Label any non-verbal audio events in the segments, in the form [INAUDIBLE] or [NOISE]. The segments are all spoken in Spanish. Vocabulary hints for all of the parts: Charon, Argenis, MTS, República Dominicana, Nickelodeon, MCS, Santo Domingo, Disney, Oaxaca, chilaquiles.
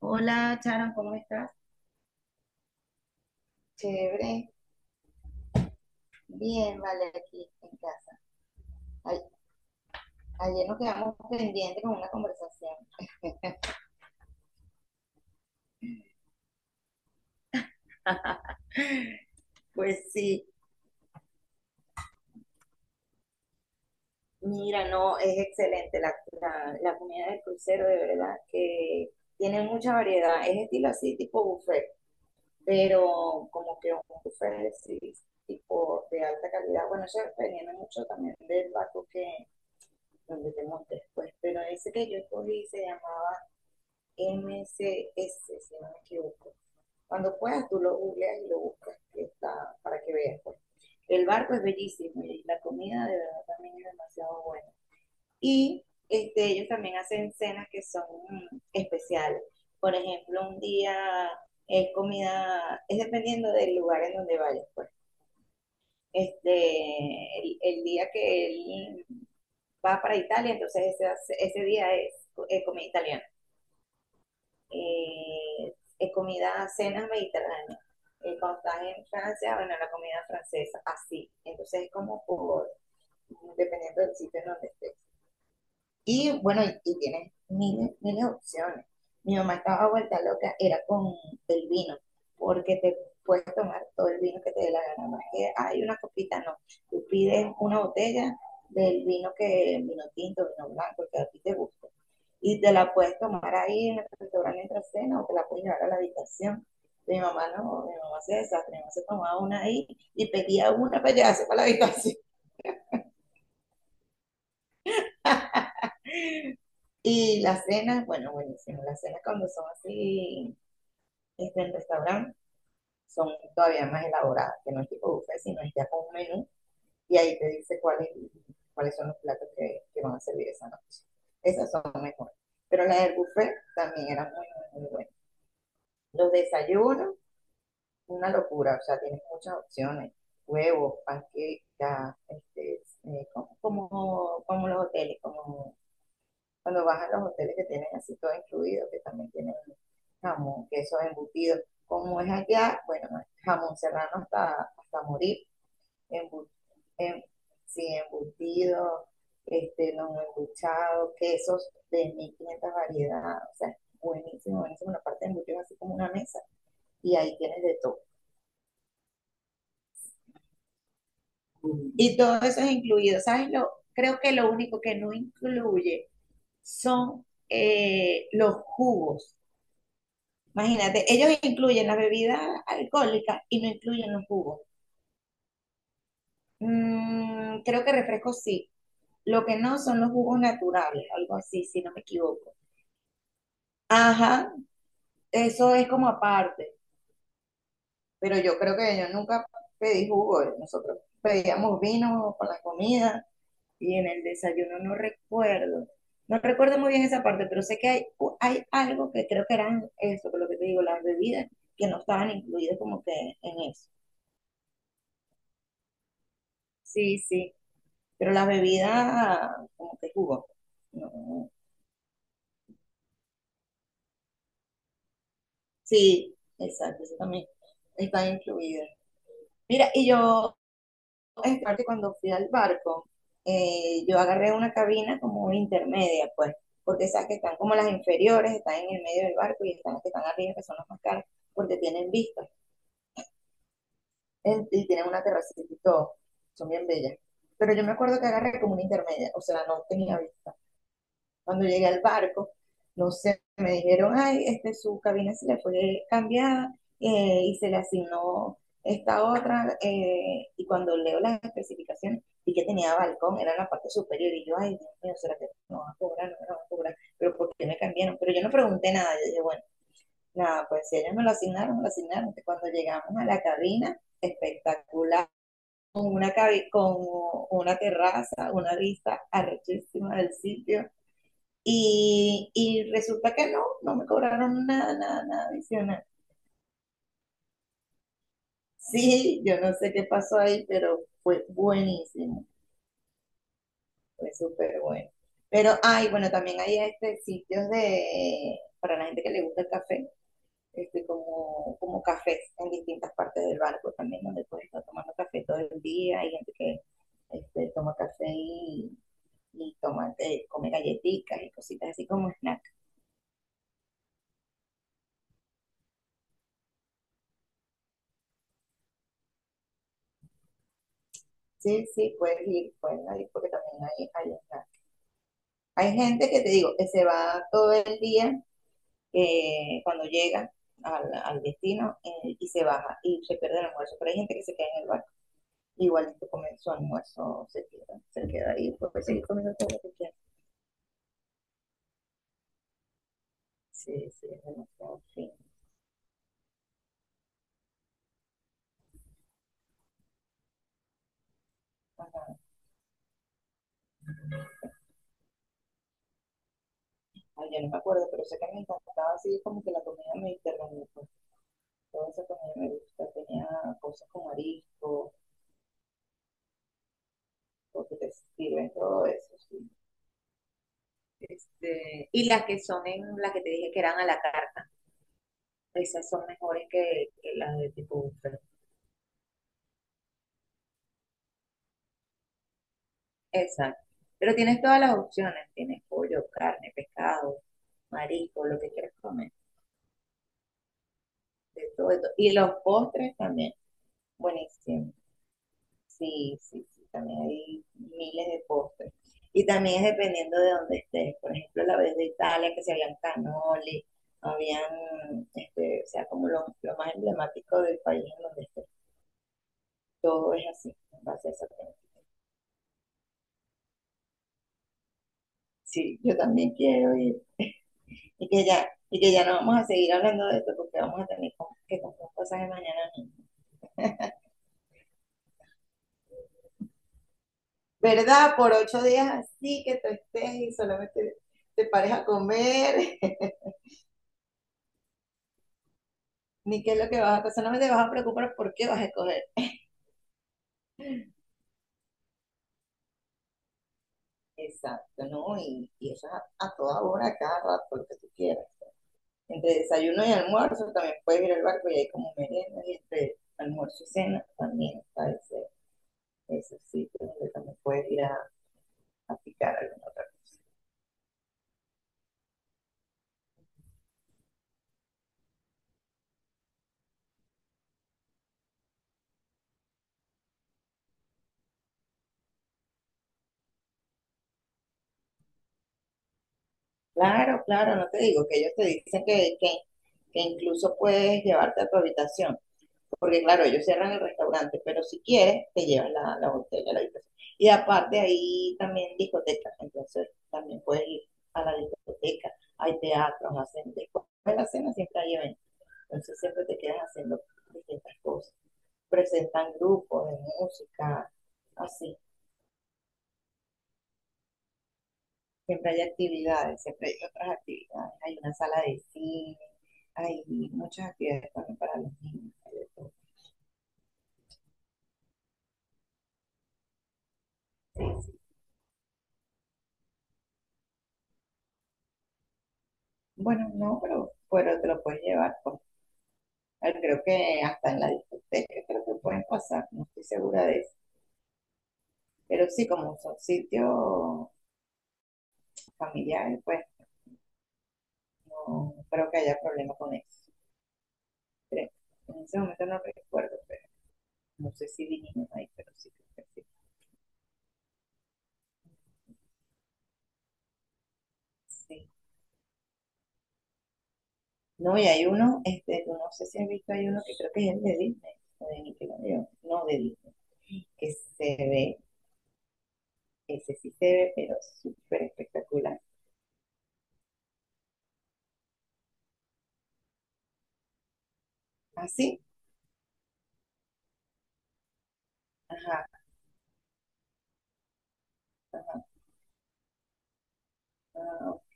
Hola, Charon, ¿cómo estás? Chévere, bien, vale, aquí en casa. Ay- Ayer nos quedamos pendientes con una conversación. Pues sí, mira, no, es excelente la comida del crucero, de verdad, que tiene mucha variedad. Es estilo así, tipo buffet, pero como que un buffet sí, tipo de alta calidad. Bueno, eso dependiendo mucho también del barco que, donde te montes, pues. Pero ese que yo escogí se llamaba MCS, si no me equivoco. Cuando puedas, tú lo googleas y lo buscas, que está, para que veas, pues. El barco es bellísimo y la comida de verdad también es demasiado buena. Y este, ellos también hacen cenas que son especiales. Por ejemplo, un día es comida, es dependiendo del lugar en donde vayas, pues. Este, el día que él va para Italia, entonces ese día es comida italiana, eh, comida, cenas mediterráneas. Cuando estás en Francia, bueno, la comida francesa, así. Entonces es como por, dependiendo del sitio en donde estés. Y bueno, y tienes miles, miles de opciones. Mi mamá estaba vuelta loca, era con el vino, porque te puedes tomar todo el vino que te dé la gana. No es que hay una copita, no. Tú pides una botella del vino que, vino tinto, vino blanco, que a ti te guste. Y te la puedes tomar ahí en el restaurante entre cena o te la puedes llevar a la habitación. Mi mamá no, mi mamá se desastre, mi mamá se tomaba una ahí y pedía una para llevarse para la habitación. [LAUGHS] Y las cenas, bueno, buenísimo, las cenas cuando son así este, el restaurante son todavía más elaboradas, que no es tipo buffet, sino es ya con un menú y ahí te dice cuáles son los platos que van a servir esa noche. Esas son mejores. Pero las del buffet también eran muy, muy, muy buenas. Los desayunos, una locura, o sea, tienes muchas opciones. Huevos, panquecas, este, como los hoteles, como cuando vas a los hoteles que tienen así todo incluido, que también tienen jamón, queso embutido. Como es allá, bueno, jamón serrano hasta morir, embu- em- sí, embutido, este, los embuchados, quesos de 1.500 variedades. O sea, buenísimo, buenísimo. Una parte de embutido es así como una mesa y ahí tienes de todo. Y todo eso es incluido. ¿Sabes? Lo, creo que lo único que no incluye son los jugos. Imagínate, ellos incluyen las bebidas alcohólicas y no incluyen los jugos. Creo que refrescos sí. Lo que no son los jugos naturales, algo así, si no me equivoco. Ajá, eso es como aparte. Pero yo creo que yo nunca pedí jugo. Nosotros pedíamos vino para la comida y en el desayuno no recuerdo. No recuerdo muy bien esa parte, pero sé que hay, hay algo que creo que eran eso, que lo que te digo, las bebidas que no estaban incluidas como que en eso. Sí, sí. Pero la bebida, como que jugo. No. Sí, exacto, eso también está incluido. Mira, y yo, es parte cuando fui al barco, yo agarré una cabina como intermedia, pues, porque sabes que están como las inferiores, están en el medio del barco y están las que están arriba, que son las más caras, porque tienen vistas y tienen una terracita y todo, son bien bellas. Pero yo me acuerdo que agarré como una intermedia, o sea, no tenía vista. Cuando llegué al barco, no sé, me dijeron, ay, este, su cabina se le fue cambiada y se le asignó esta otra. Y cuando leo las especificaciones, vi que tenía balcón, era en la parte superior. Y yo, ay, Dios mío, ¿será que no van a cobrar? No me van a cobrar. Pero ¿por qué me cambiaron? Pero yo no pregunté nada. Yo dije, bueno, nada, pues si ellos me lo asignaron, me lo asignaron. Cuando llegamos a la cabina, espectacular una, con una terraza, una vista arrechísima del sitio, y resulta que no, no me cobraron nada, nada, nada adicional. Sí, yo no sé qué pasó ahí, pero fue buenísimo, fue súper bueno. Pero, ay, bueno, también hay este, sitios de, para la gente que le gusta el café, este, como cafés en distintas partes del barco también, donde puedes estar tomando café todo el día, hay gente que este, toma café y toma, come galletitas y cositas así como snack. Sí, sí, puedes ir, pueden ir porque también hay, snack. Hay gente que te digo, que se va todo el día, cuando llega al destino y se baja y se pierde el almuerzo, pero hay gente que se queda en el barco. Igualito comen su almuerzo, se queda ahí, pues puede seguir comiendo todo lo que quiera. Sí, sí, es demasiado fino. Ajá. Ay, yo no me acuerdo, pero sé que me encantaba así como que la comida mediterránea, pues toda esa comida me gusta, tenía cosas con marisco, porque te sirven todo eso, sí. Este, y las que son en las que te dije que eran a la carta, esas son mejores que las de tipo buffet. Exacto. Pero tienes todas las opciones. Tienes pollo, carne, pescado, marisco, lo que quieras comer. De todo, de todo. Y los postres también. Buenísimo. Sí, sí, sí. También hay miles de postres. Y también es dependiendo de dónde estés. Por ejemplo, la vez de Italia, que se habían cannoli, habían, este, o sea, como lo más emblemático del país en donde estés. Todo es así, en base a esa temática. Sí, yo también quiero ir. Y que ya no vamos a seguir hablando de esto porque vamos a tener que comprar cosas de mañana mismo. ¿Verdad? Por 8 días así que tú estés y solamente te pares a comer, [LAUGHS] ni qué es lo que vas a hacer, solamente te vas a preocupar por qué vas a escoger. Exacto, ¿no? Y eso es a, toda hora, a cada rato, lo que tú quieras. Entre desayuno y almuerzo también puedes ir al barco y hay como merienda y entre almuerzo y cena también está ese sitio donde también puedes ir a picar alguna otra. Claro, claro, no te digo que ellos te dicen que, que incluso puedes llevarte a tu habitación, porque claro, ellos cierran el restaurante, pero si quieres, te llevan la botella a la habitación. Y aparte ahí también discotecas, entonces también puedes ir a la discoteca, hay teatros, hacen después de la cena siempre hay eventos, entonces siempre te quedas haciendo distintas cosas. Presentan grupos de música, así. Siempre hay actividades, siempre hay otras actividades. Hay una sala de cine, hay muchas actividades también para los niños. Hay de todo. Sí, sí. Bueno, no, pero te lo puedes llevar, pues. Ah, creo que hasta en la discoteca, creo que pueden pasar, no estoy segura de eso. Pero sí, como son sitios familiares, pues no creo que haya problema con eso. Creo. En ese momento no recuerdo, pero no sé si vinimos ahí, pero sí creo que sí. Sí. No, y hay uno, este, no sé si has visto, hay uno que creo que es el de Disney, o de Nickelodeon, no de Disney, que se ve, ese sí se ve, pero súper espectacular. ¿Ah, sí? Ajá, ah, ok.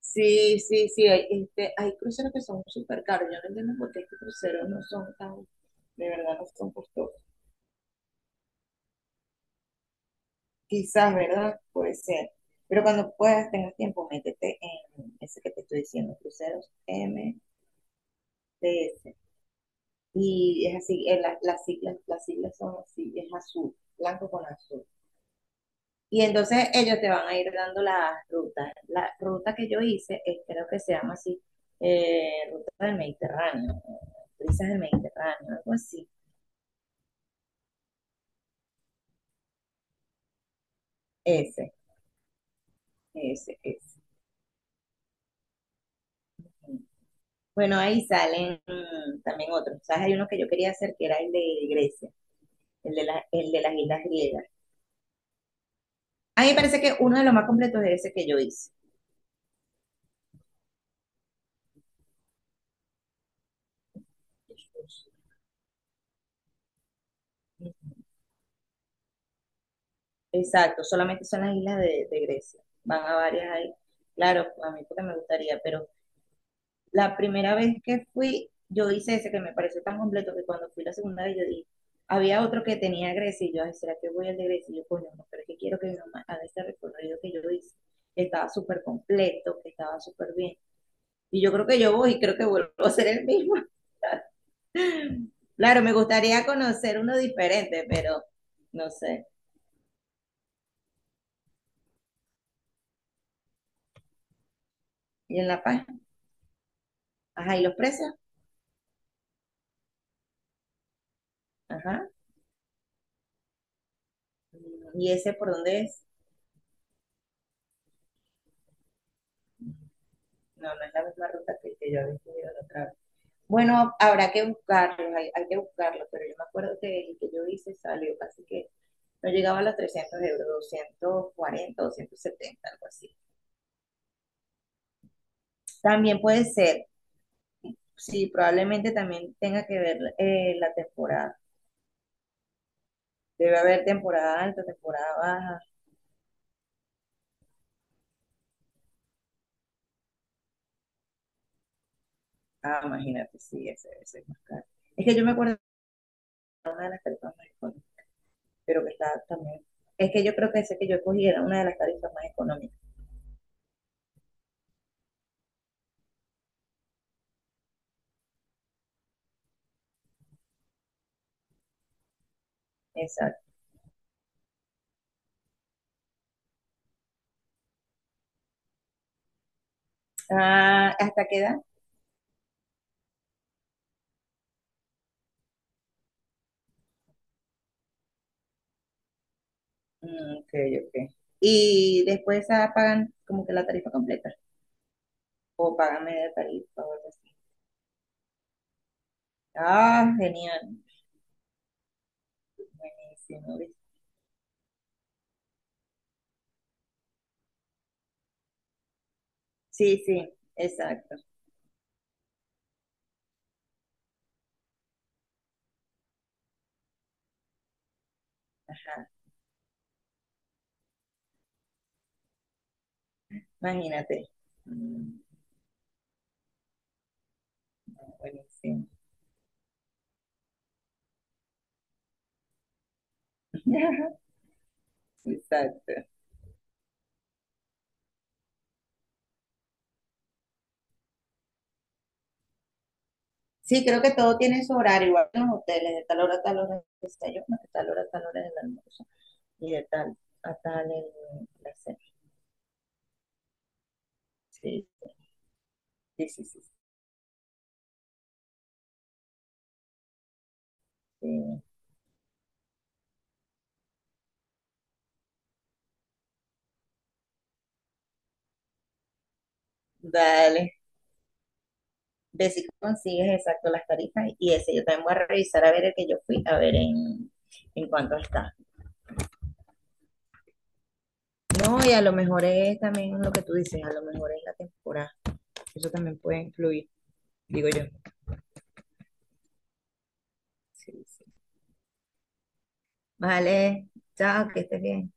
Sí, sí, sí, hay, este, hay cruceros que son súper caros. Yo no entiendo por qué estos cruceros no son tan, de verdad no son costosos. Quizás, ¿verdad? Puede ser. Pero cuando puedas, tengas tiempo, métete en ese que te estoy diciendo, cruceros MTS. Y es así, las siglas son así, es azul, blanco con azul. Y entonces ellos te van a ir dando las rutas. La ruta que yo hice, creo que se llama así, Ruta del Mediterráneo, Brisas del Mediterráneo, algo así. Ese, ese, ese. Bueno, ahí salen también otros. ¿Sabes? Hay uno que yo quería hacer que era el de Grecia, el de las islas griegas. A mí me parece que uno de los más completos es ese que yo hice. Exacto, solamente son las islas de Grecia. Van a varias ahí. Claro, a mí porque me gustaría, pero la primera vez que fui, yo hice ese que me pareció tan completo que cuando fui la segunda vez yo dije, había otro que tenía Grecia y yo, ay, ¿será que voy al de Grecia? Y yo, coño, no, pero es que quiero que mi mamá haga ese recorrido que yo hice, que estaba súper completo, que estaba súper bien. Y yo creo que yo voy y creo que vuelvo a ser el mismo. [LAUGHS] Claro, me gustaría conocer uno diferente, pero no sé. ¿Y en La Paz? Ajá, ¿y los precios? Ajá. ¿Y ese por dónde es? No, no es la misma ruta que yo había subido la otra vez. Bueno, habrá que buscarlo, hay, que buscarlo, pero yo me acuerdo que el que yo hice salió casi que no llegaba a los 300 euros, 240, 270 algo así. También puede ser, sí, probablemente también tenga que ver la temporada. Debe haber temporada alta, temporada baja. Ah, imagínate, sí, ese debe ser más caro. Es que yo me acuerdo que una de las tarifas más pero que está también. Es que yo creo que ese que yo cogí era una de las tarifas más económicas. Exacto. Ah, ¿hasta qué edad? Ok, ok. Y después ah, pagan como que la tarifa completa. O pagan media tarifa o algo así. Ah, genial. Buenísimo, ¿viste? Sí, sí, exacto. Ajá. Imagínate. Mm, Buenísimo. [LAUGHS] Exacto. Sí, creo que todo tiene su horario, igual que en los hoteles, de tal hora a tal hora el desayuno, de tal hora a tal hora el almuerzo y de tal a tal el, la cena. Sí, sí, sí, sí, sí. Dale, ve si consigues exacto las tarifas y ese yo también voy a revisar a ver el que yo fui, a ver en, cuánto está. No, y a lo mejor es también lo que tú dices, a lo mejor es la temporada, eso también puede influir, digo yo. Sí, sí. Vale, chao, que estés bien.